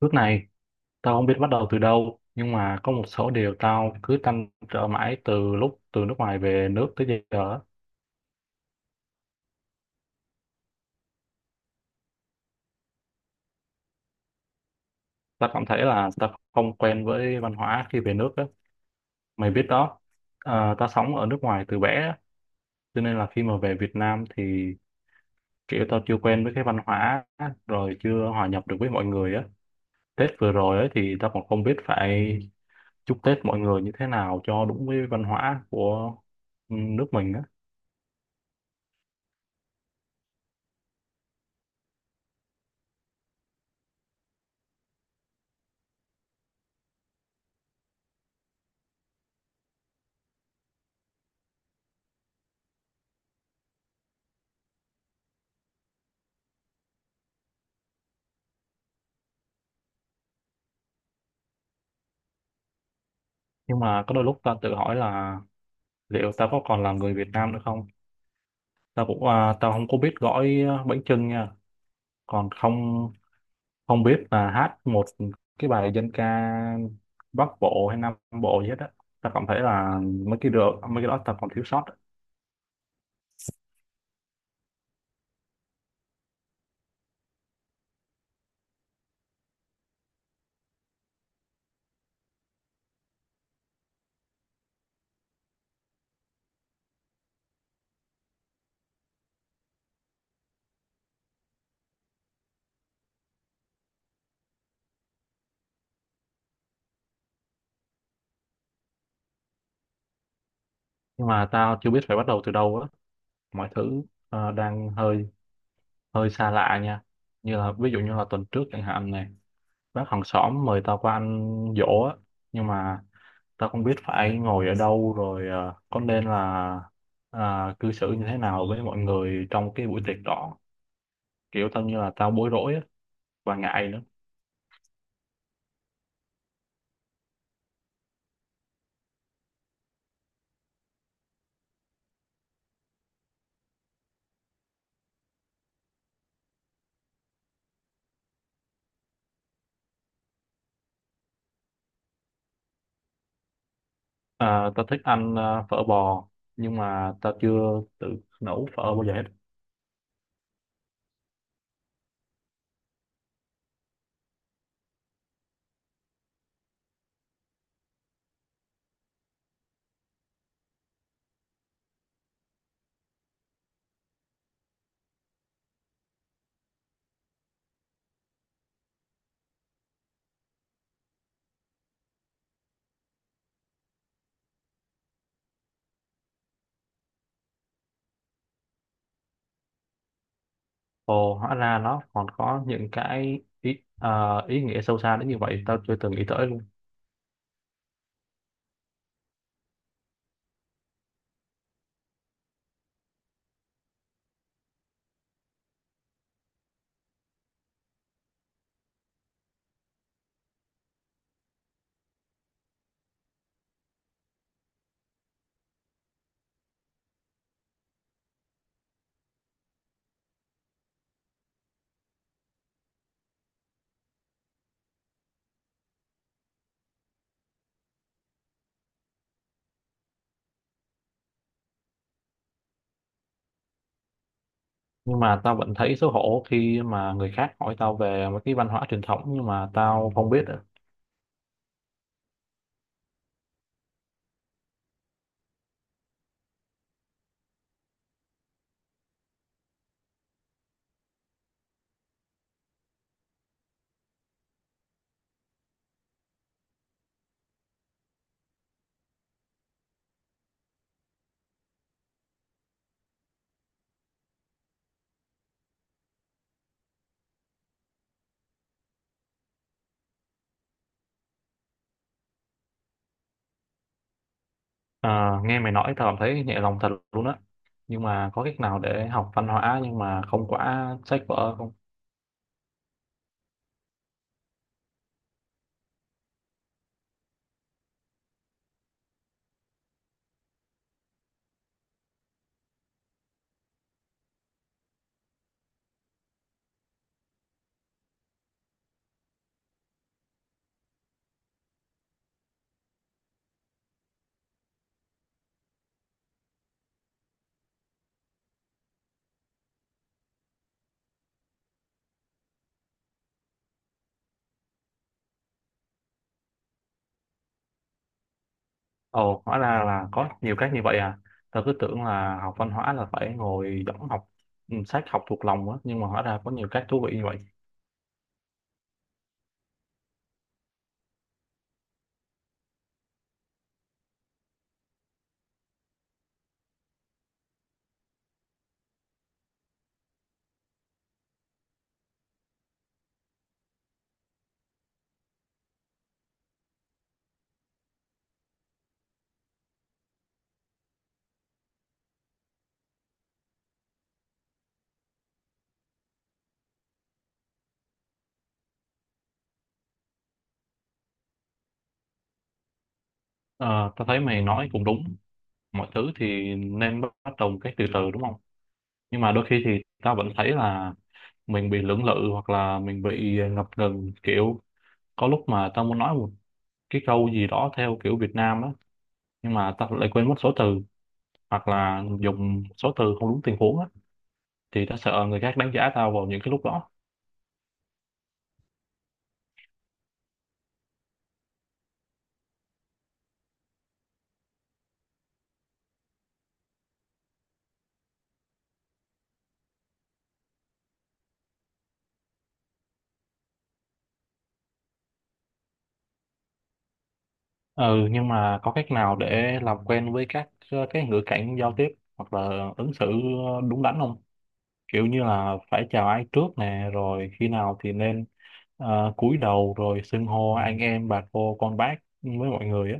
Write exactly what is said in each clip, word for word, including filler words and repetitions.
Lúc này, tao không biết bắt đầu từ đâu, nhưng mà có một số điều tao cứ trăn trở mãi từ lúc từ nước ngoài về nước tới giờ. á. Tao cảm thấy là tao không quen với văn hóa khi về nước á. Mày biết đó, à, tao sống ở nước ngoài từ bé, á, cho nên là khi mà về Việt Nam thì kiểu tao chưa quen với cái văn hóa, á, rồi chưa hòa nhập được với mọi người á. Tết vừa rồi ấy thì tao còn không biết phải chúc Tết mọi người như thế nào cho đúng với văn hóa của ừ, nước mình á. Nhưng mà có đôi lúc tao tự hỏi là liệu tao có còn là người Việt Nam nữa không. Tao cũng à, tao không có biết gõi à, bánh chưng nha, còn không, không biết là hát một cái bài dân ca Bắc Bộ hay Nam Bộ gì hết á. Tao cảm thấy là mấy cái được mấy cái đó tao còn thiếu sót á. Nhưng mà tao chưa biết phải bắt đầu từ đâu á, mọi thứ à, đang hơi hơi xa lạ nha, như là ví dụ như là tuần trước chẳng hạn này, bác hàng xóm mời tao qua ăn giỗ á, nhưng mà tao không biết phải ngồi ở đâu rồi ờ, có nên là à, cư xử như thế nào với mọi người trong cái buổi tiệc đó, kiểu tao như là tao bối rối á, và ngại nữa. À, tao thích ăn ờ, phở bò, nhưng mà tao chưa tự nấu phở bao giờ hết. Ồ, hóa ra nó còn có những cái ý ờ, ý nghĩa sâu xa đến như vậy, tao chưa từng nghĩ tới luôn. Nhưng mà tao vẫn thấy xấu hổ khi mà người khác hỏi tao về một cái văn hóa truyền thống nhưng mà tao không biết ạ. À, nghe mày nói tao cảm thấy nhẹ lòng thật luôn á, nhưng mà có cách nào để học văn hóa nhưng mà không quá sách vở không? Ồ, hóa ra là có nhiều cách như vậy à, tao cứ tưởng là học văn hóa là phải ngồi đóng học ừ, sách học thuộc lòng á, nhưng mà hóa ra có nhiều cách thú vị như vậy. Ờ, tao thấy mày nói cũng đúng, mọi thứ thì nên bắt bắt đầu một cách từ từ đúng không? Nhưng mà đôi khi thì tao vẫn thấy là mình bị lưỡng lự hoặc là mình bị ngập ngừng, kiểu có lúc mà tao muốn nói một cái câu gì đó theo kiểu Việt Nam á, nhưng mà tao lại quên mất số từ, hoặc là dùng số từ không đúng tình huống á, thì tao sợ người khác đánh giá tao vào những cái lúc đó. Ừ, nhưng mà có cách nào để làm quen với các ờ, cái ngữ cảnh giao tiếp hoặc là ứng xử ờ, đúng đắn không? Kiểu như là phải chào ai trước nè, rồi khi nào thì nên ờ, cúi đầu, rồi xưng hô anh em bà cô con bác với mọi người á.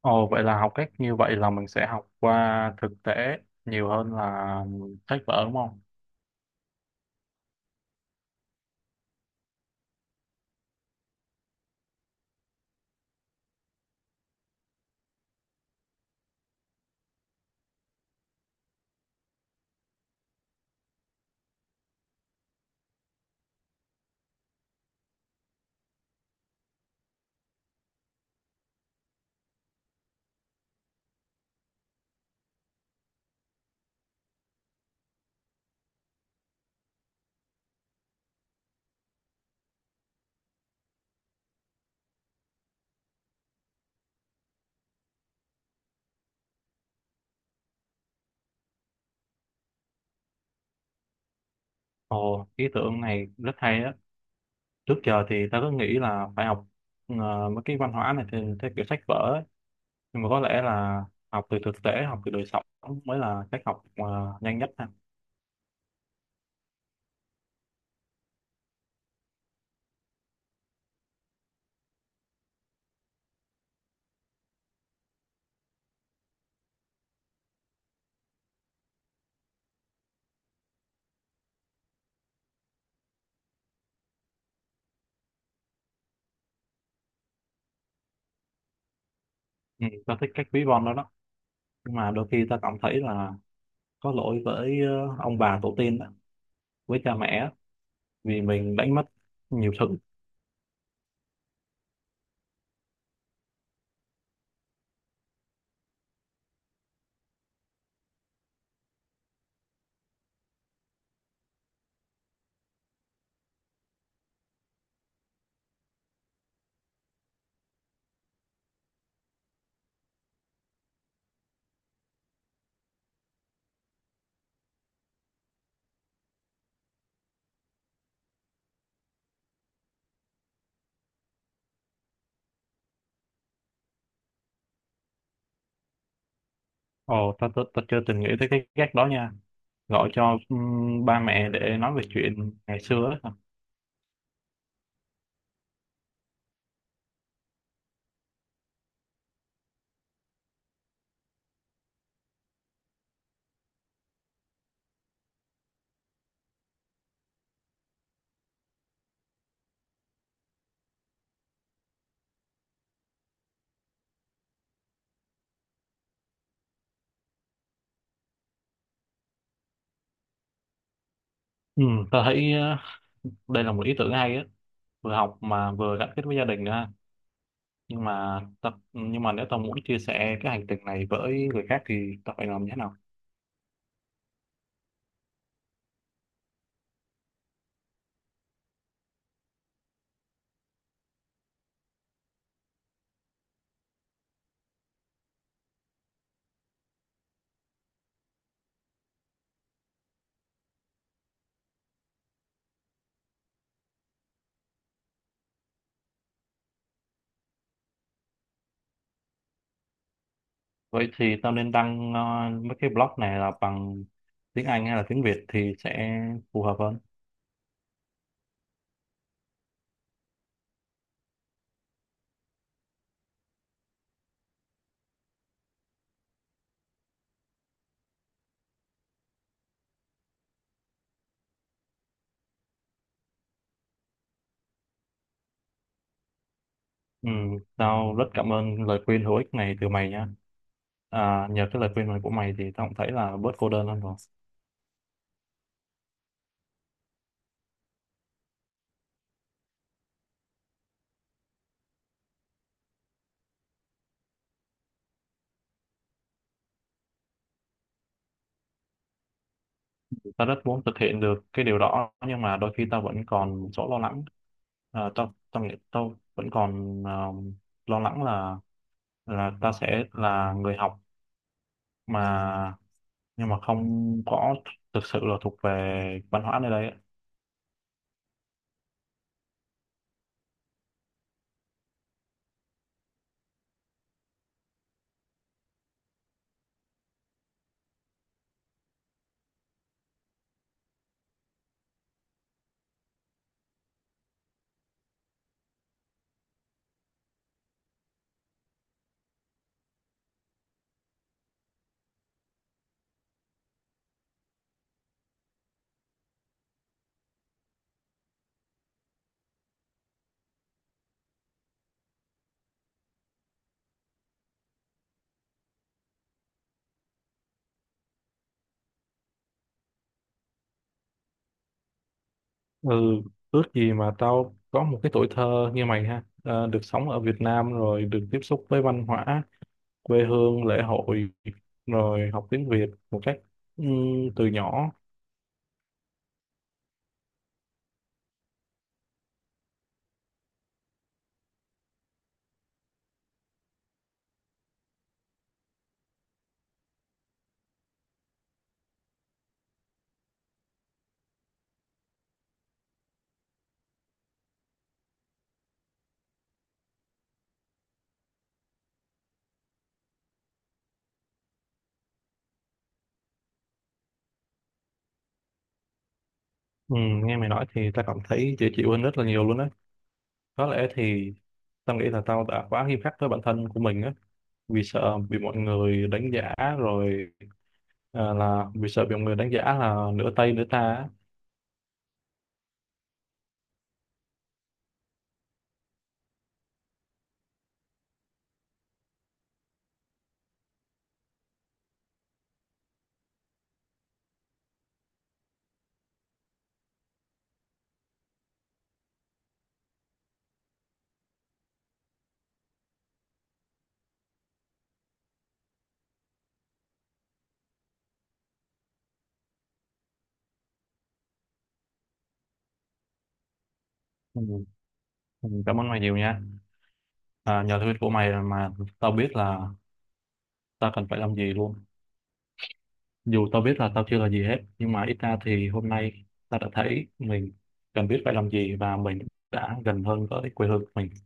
Ồ, vậy là học cách như vậy là mình sẽ học qua thực tế nhiều hơn là sách vở đúng không? Ồ, ý tưởng này rất hay á, trước giờ thì ta cứ nghĩ là phải học ờ, mấy cái văn hóa này theo, theo kiểu sách vở ấy. Nhưng mà có lẽ là học từ thực tế, học từ đời sống mới là cách học ờ, nhanh nhất ha. Ừ, ta thích cách ví von đó đó, nhưng mà đôi khi ta cảm thấy là có lỗi với ờ, ông bà tổ tiên đó, với cha mẹ á, vì mình đánh mất nhiều thứ. Ồ ta, ta ta chưa từng nghĩ tới cái cách đó nha, gọi cho ừm, ba mẹ để nói về chuyện ngày xưa ấy. Ừ, ta thấy ờ, đây là một ý tưởng hay á, vừa học mà vừa gắn kết với gia đình nữa ha. Nhưng mà tập nhưng mà nếu tao muốn chia sẻ cái hành trình này với người khác thì tao phải làm như thế nào? Vậy thì tao nên đăng ờ, mấy cái blog này là bằng tiếng Anh hay là tiếng Việt thì sẽ phù hợp hơn? Ừ, tao rất cảm ơn lời khuyên hữu ích này từ mày nha. À, nhờ cái lời khuyên này của mày thì tao cũng thấy là bớt cô đơn hơn rồi. Tao rất muốn thực hiện được cái điều đó nhưng mà đôi khi tao vẫn còn một số lo lắng. À, tao tao nghĩ tao vẫn còn ờ, lo lắng là là tao sẽ là người học mà nhưng mà không có thực sự là thuộc về văn hóa nơi đây á. Ừ, ước gì mà tao có một cái tuổi thơ như mày ha, ờ, được sống ở Việt Nam rồi được tiếp xúc với văn hóa, quê hương, lễ hội, rồi học tiếng Việt một cách ừm, từ nhỏ. Ừm, nghe mày nói thì tao cảm thấy dễ chịu hơn rất là nhiều luôn á. Có lẽ thì tao nghĩ là tao đã quá nghiêm khắc với bản thân của mình á, vì sợ bị mọi người đánh giá rồi ờ, là vì sợ bị mọi người đánh giá là nửa Tây nửa ta á. Ừ, ừ, cảm ơn mày nhiều nha. À, nhờ thuyết của mày mà tao biết là tao cần phải làm gì luôn. Dù tao biết là tao chưa là gì hết, nhưng mà ít ra thì hôm nay tao đã thấy mình cần biết phải làm gì và mình đã gần hơn với quê hương của mình.